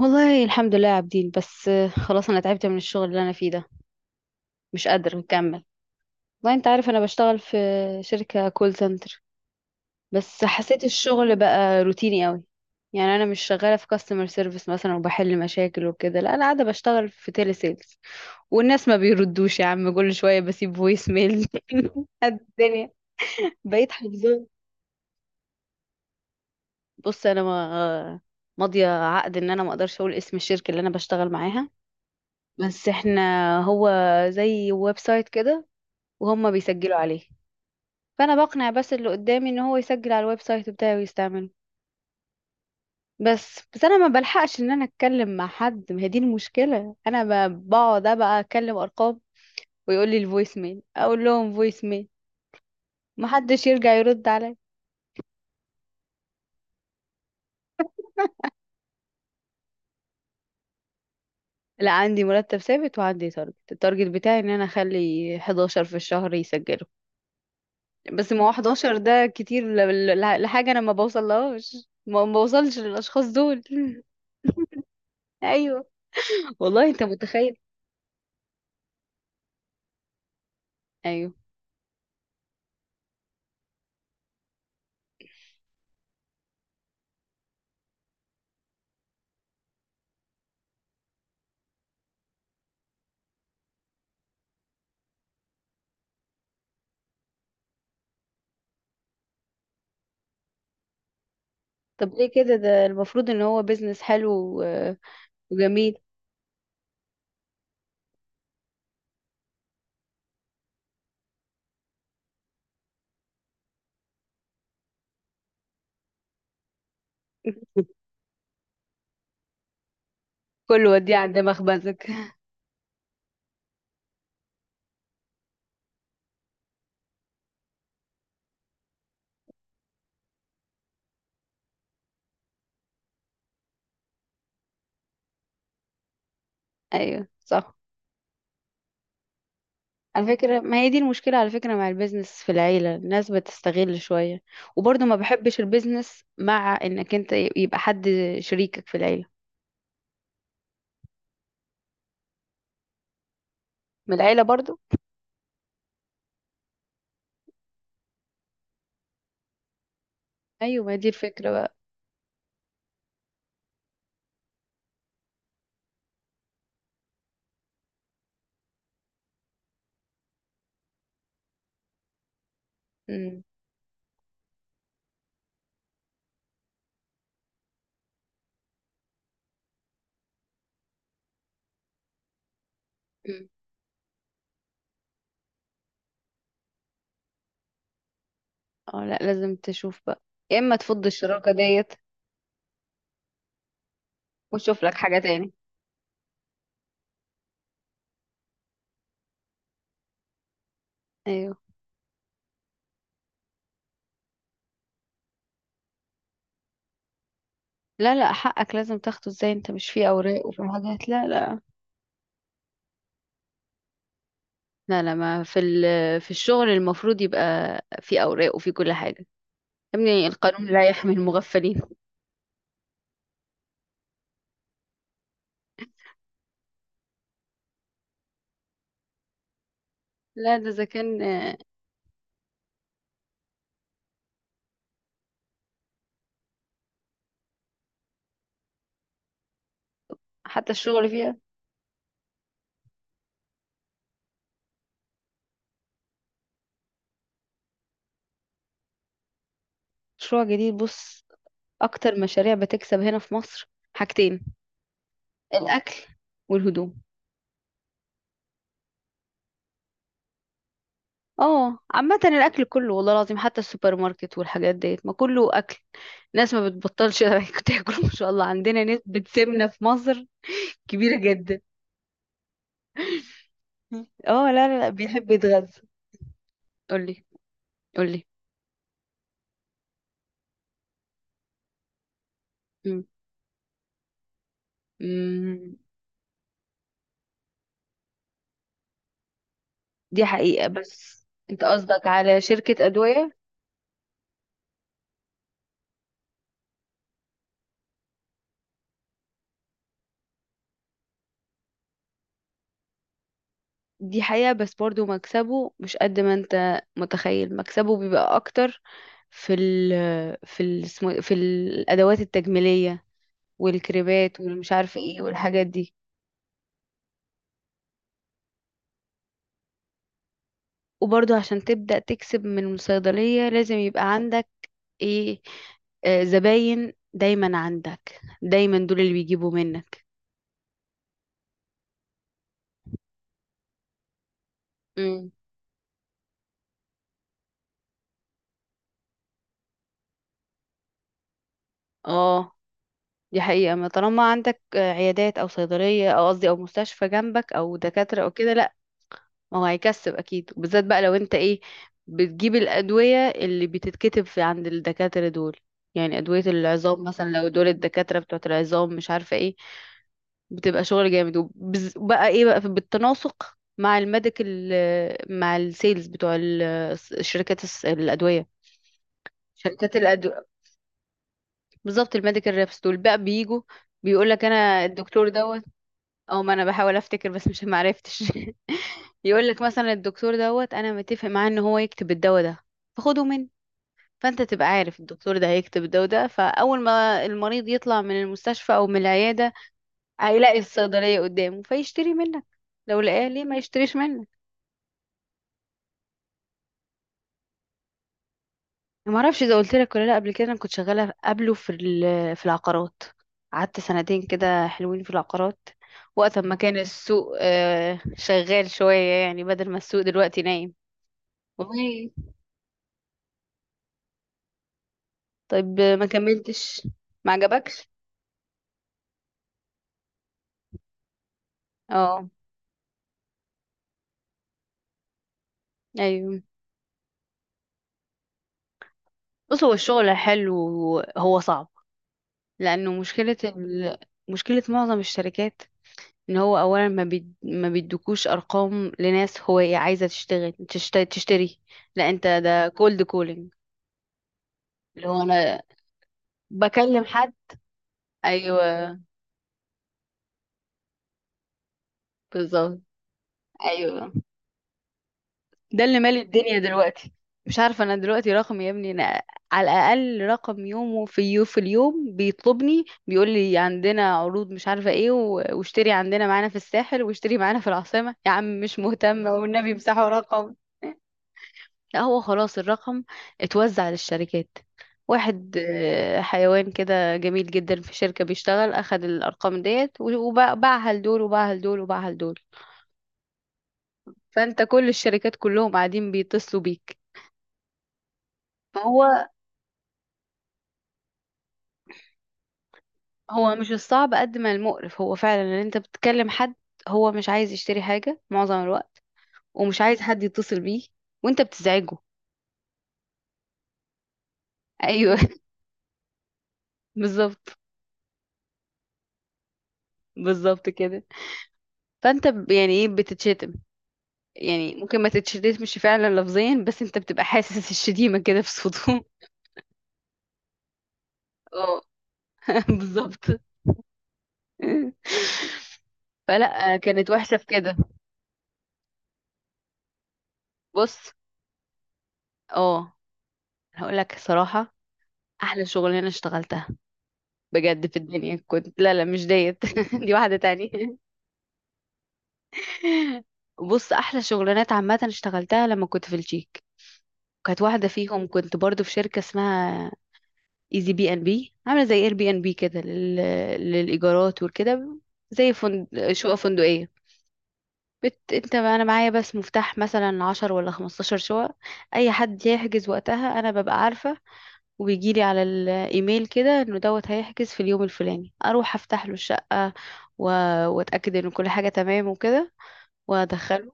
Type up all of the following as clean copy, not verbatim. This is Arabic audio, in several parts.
والله الحمد لله يا عابدين. بس خلاص انا تعبت من الشغل اللي انا فيه ده. مش قادره اكمل. والله انت عارف، انا بشتغل في شركه كول سنتر. بس حسيت الشغل بقى روتيني قوي. يعني انا مش شغاله في كاستمر سيرفيس مثلا وبحل مشاكل وكده، لا انا قاعده بشتغل في تيلي سيلز. والناس ما بيردوش يا عم، كل شويه بسيب فويس ميل قد الدنيا. بقيت حافظاه. بص، انا ما ماضيه عقد ان انا ما اقدرش اقول اسم الشركه اللي انا بشتغل معاها. بس احنا، هو زي ويب سايت كده، وهم بيسجلوا عليه. فانا بقنع بس اللي قدامي ان هو يسجل على الويب سايت بتاعي ويستعمله. بس انا ما بلحقش ان انا اتكلم مع حد، ما هي دي المشكله. انا بقعد بقى اكلم ارقام ويقول لي الفويس ميل، اقول لهم فويس ميل. ما حدش يرجع يرد عليا. لا، عندي مرتب ثابت وعندي تارجت. التارجت بتاعي ان انا اخلي 11 في الشهر يسجلوا. بس ما هو 11 ده كتير لحاجه انا ما بوصلهاش. ما بوصلش للاشخاص دول ايوه، والله انت متخيل. ايوه. طب ليه كده؟ ده المفروض ان هو بيزنس حلو و- وجميل. كله وديه عند مخبزك ايوه، صح. على فكرة، ما هي دي المشكلة على فكرة مع البيزنس في العيلة، الناس بتستغل شوية. وبرضه ما بحبش البيزنس مع انك انت يبقى حد شريكك في العيلة. من العيلة برضه. ايوه، ما هي دي الفكرة بقى. أمم. أمم. اه، لا لازم تشوف بقى. يا اما تفض الشراكة ديت وتشوف لك حاجة تاني. ايوه. لا لا، حقك لازم تاخده. ازاي انت مش فيه اوراق وفي حاجات؟ لا لا. لا لا، ما في في الشغل المفروض يبقى في اوراق وفي كل حاجه. يا ابني القانون لا يحمي المغفلين. لا ده اذا كان حتى الشغل فيها. مشروع جديد؟ بص، اكتر مشاريع بتكسب هنا في مصر حاجتين: الاكل والهدوم. اه، عامه الاكل كله والله العظيم، حتى السوبر ماركت والحاجات ديت، ما كله اكل. الناس ما بتبطلش تاكل. ما شاء الله عندنا نسبه سمنه في مصر كبيره جدا. اه، لا لا لا، بيحب يتغذى. قولي، قولي. مم. دي حقيقة. بس انت قصدك على شركة أدوية؟ دي حقيقة. بس برضو مكسبه مش قد ما انت متخيل، مكسبه بيبقى أكتر في ال في ال اسمه- إيه، في الأدوات التجميلية والكريبات والمش عارفة ايه والحاجات دي. وبرضو عشان تبدأ تكسب من الصيدلية لازم يبقى عندك ايه آه، زباين دايما، عندك دايما دول اللي بيجيبوا منك. مم. اه، دي حقيقة. ما طالما عندك عيادات أو صيدلية، أو قصدي أو مستشفى جنبك، أو دكاترة أو كده، لأ ما هو هيكسب أكيد. وبالذات بقى لو أنت إيه، بتجيب الأدوية اللي بتتكتب في عند الدكاترة دول. يعني أدوية العظام مثلا، لو دول الدكاترة بتوعة العظام مش عارفة إيه، بتبقى شغل جامد. وبقى إيه بقى، بالتناسق مع الميديكال، مع السيلز بتوع شركات الأدوية. شركات الأدوية. بالظبط، الميديكال ريبس دول بقى بيجوا بيقول لك انا الدكتور دوت. او ما انا بحاول افتكر بس مش معرفتش يقول لك مثلا الدكتور دوت، انا متفق معاه ان هو يكتب الدواء ده فخده مني. فانت تبقى عارف الدكتور ده هيكتب الدواء ده، فاول ما المريض يطلع من المستشفى او من العياده هيلاقي الصيدليه قدامه فيشتري منك. لو لقاه ليه ما يشتريش منك؟ ما اعرفش اذا قلت لك ولا لا، قبل كده انا كنت شغاله قبله في العقارات. قعدت سنتين كده حلوين في العقارات، وقت ما كان السوق شغال شويه، يعني بدل ما السوق دلوقتي نايم. والله؟ طيب ما كملتش؟ ما عجبكش. اه، ايوه. بص، هو الشغل حلو. هو صعب لانه مشكله معظم الشركات ان هو اولا ما بيدوكوش ارقام لناس هو إيه عايزه تشتغل تشتري. لا، انت ده كولد كولينج. اللي هو انا بكلم حد. ايوه، بالظبط. ايوه، ده اللي مالي الدنيا دلوقتي. مش عارفة أنا دلوقتي رقم يا ابني، أنا على الأقل رقم يومه في اليوم بيطلبني بيقول لي عندنا عروض مش عارفة إيه، واشتري عندنا معانا في الساحل، واشتري معانا في العاصمة. يا عم مش مهتمة، والنبي امسحوا رقم. لا هو خلاص الرقم اتوزع للشركات. واحد حيوان كده جميل جدا في شركة بيشتغل أخد الأرقام ديت وباعها لدول وباعها لدول وباعها لدول. فأنت كل الشركات كلهم قاعدين بيتصلوا بيك. هو هو مش الصعب قد ما المقرف، هو فعلا ان انت بتكلم حد هو مش عايز يشتري حاجة معظم الوقت ومش عايز حد يتصل بيه وانت بتزعجه. ايوه بالظبط. بالظبط كده. فانت يعني ايه، بتتشتم. يعني ممكن ما تتشتمش فعلا لفظيا، بس انت بتبقى حاسس الشتيمة كده في صوته. اه بالظبط. فلا كانت وحشة في كده. بص، اه هقول لك صراحة احلى شغلانة اشتغلتها بجد في الدنيا، كنت لا لا مش ديت دي واحدة تانية. بص، احلى شغلانات عامه اشتغلتها لما كنت في الجيك. كانت واحده فيهم كنت برضو في شركه اسمها ايزي بي ان بي، عامله زي اير بي ان بي كده للايجارات وكده، زي شقق فندقيه. انت انا معايا بس مفتاح مثلا 10 ولا 15 شقق. اي حد يحجز وقتها انا ببقى عارفه، وبيجيلي على الايميل كده انه دوت هيحجز في اليوم الفلاني. اروح افتح له الشقه و... واتاكد ان كل حاجه تمام وكده وادخله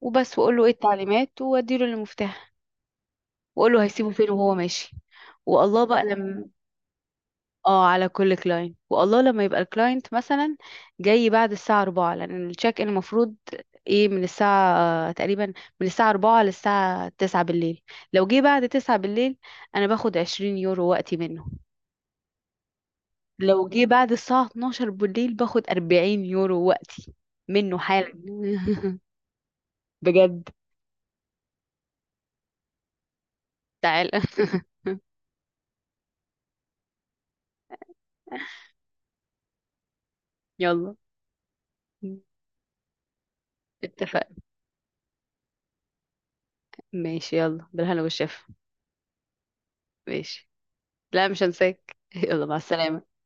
وبس، واقول له ايه التعليمات واديله المفتاح واقول له هيسيبه فين وهو ماشي. والله بقى لما. اه، على كل كلاينت. والله لما يبقى الكلاينت مثلا جاي بعد الساعة 4 لأن التشيك ان المفروض ايه من الساعة آه، تقريبا من الساعة 4 للساعة 9 بالليل. لو جه بعد 9 بالليل انا باخد 20 يورو وقتي منه. لو جه بعد الساعة 12 بالليل باخد 40 يورو وقتي منه حالا بجد. تعال يلا، اتفقنا. ماشي، يلا بالهنا والشفا. ماشي، لا مش هنساك يلا، مع السلامة.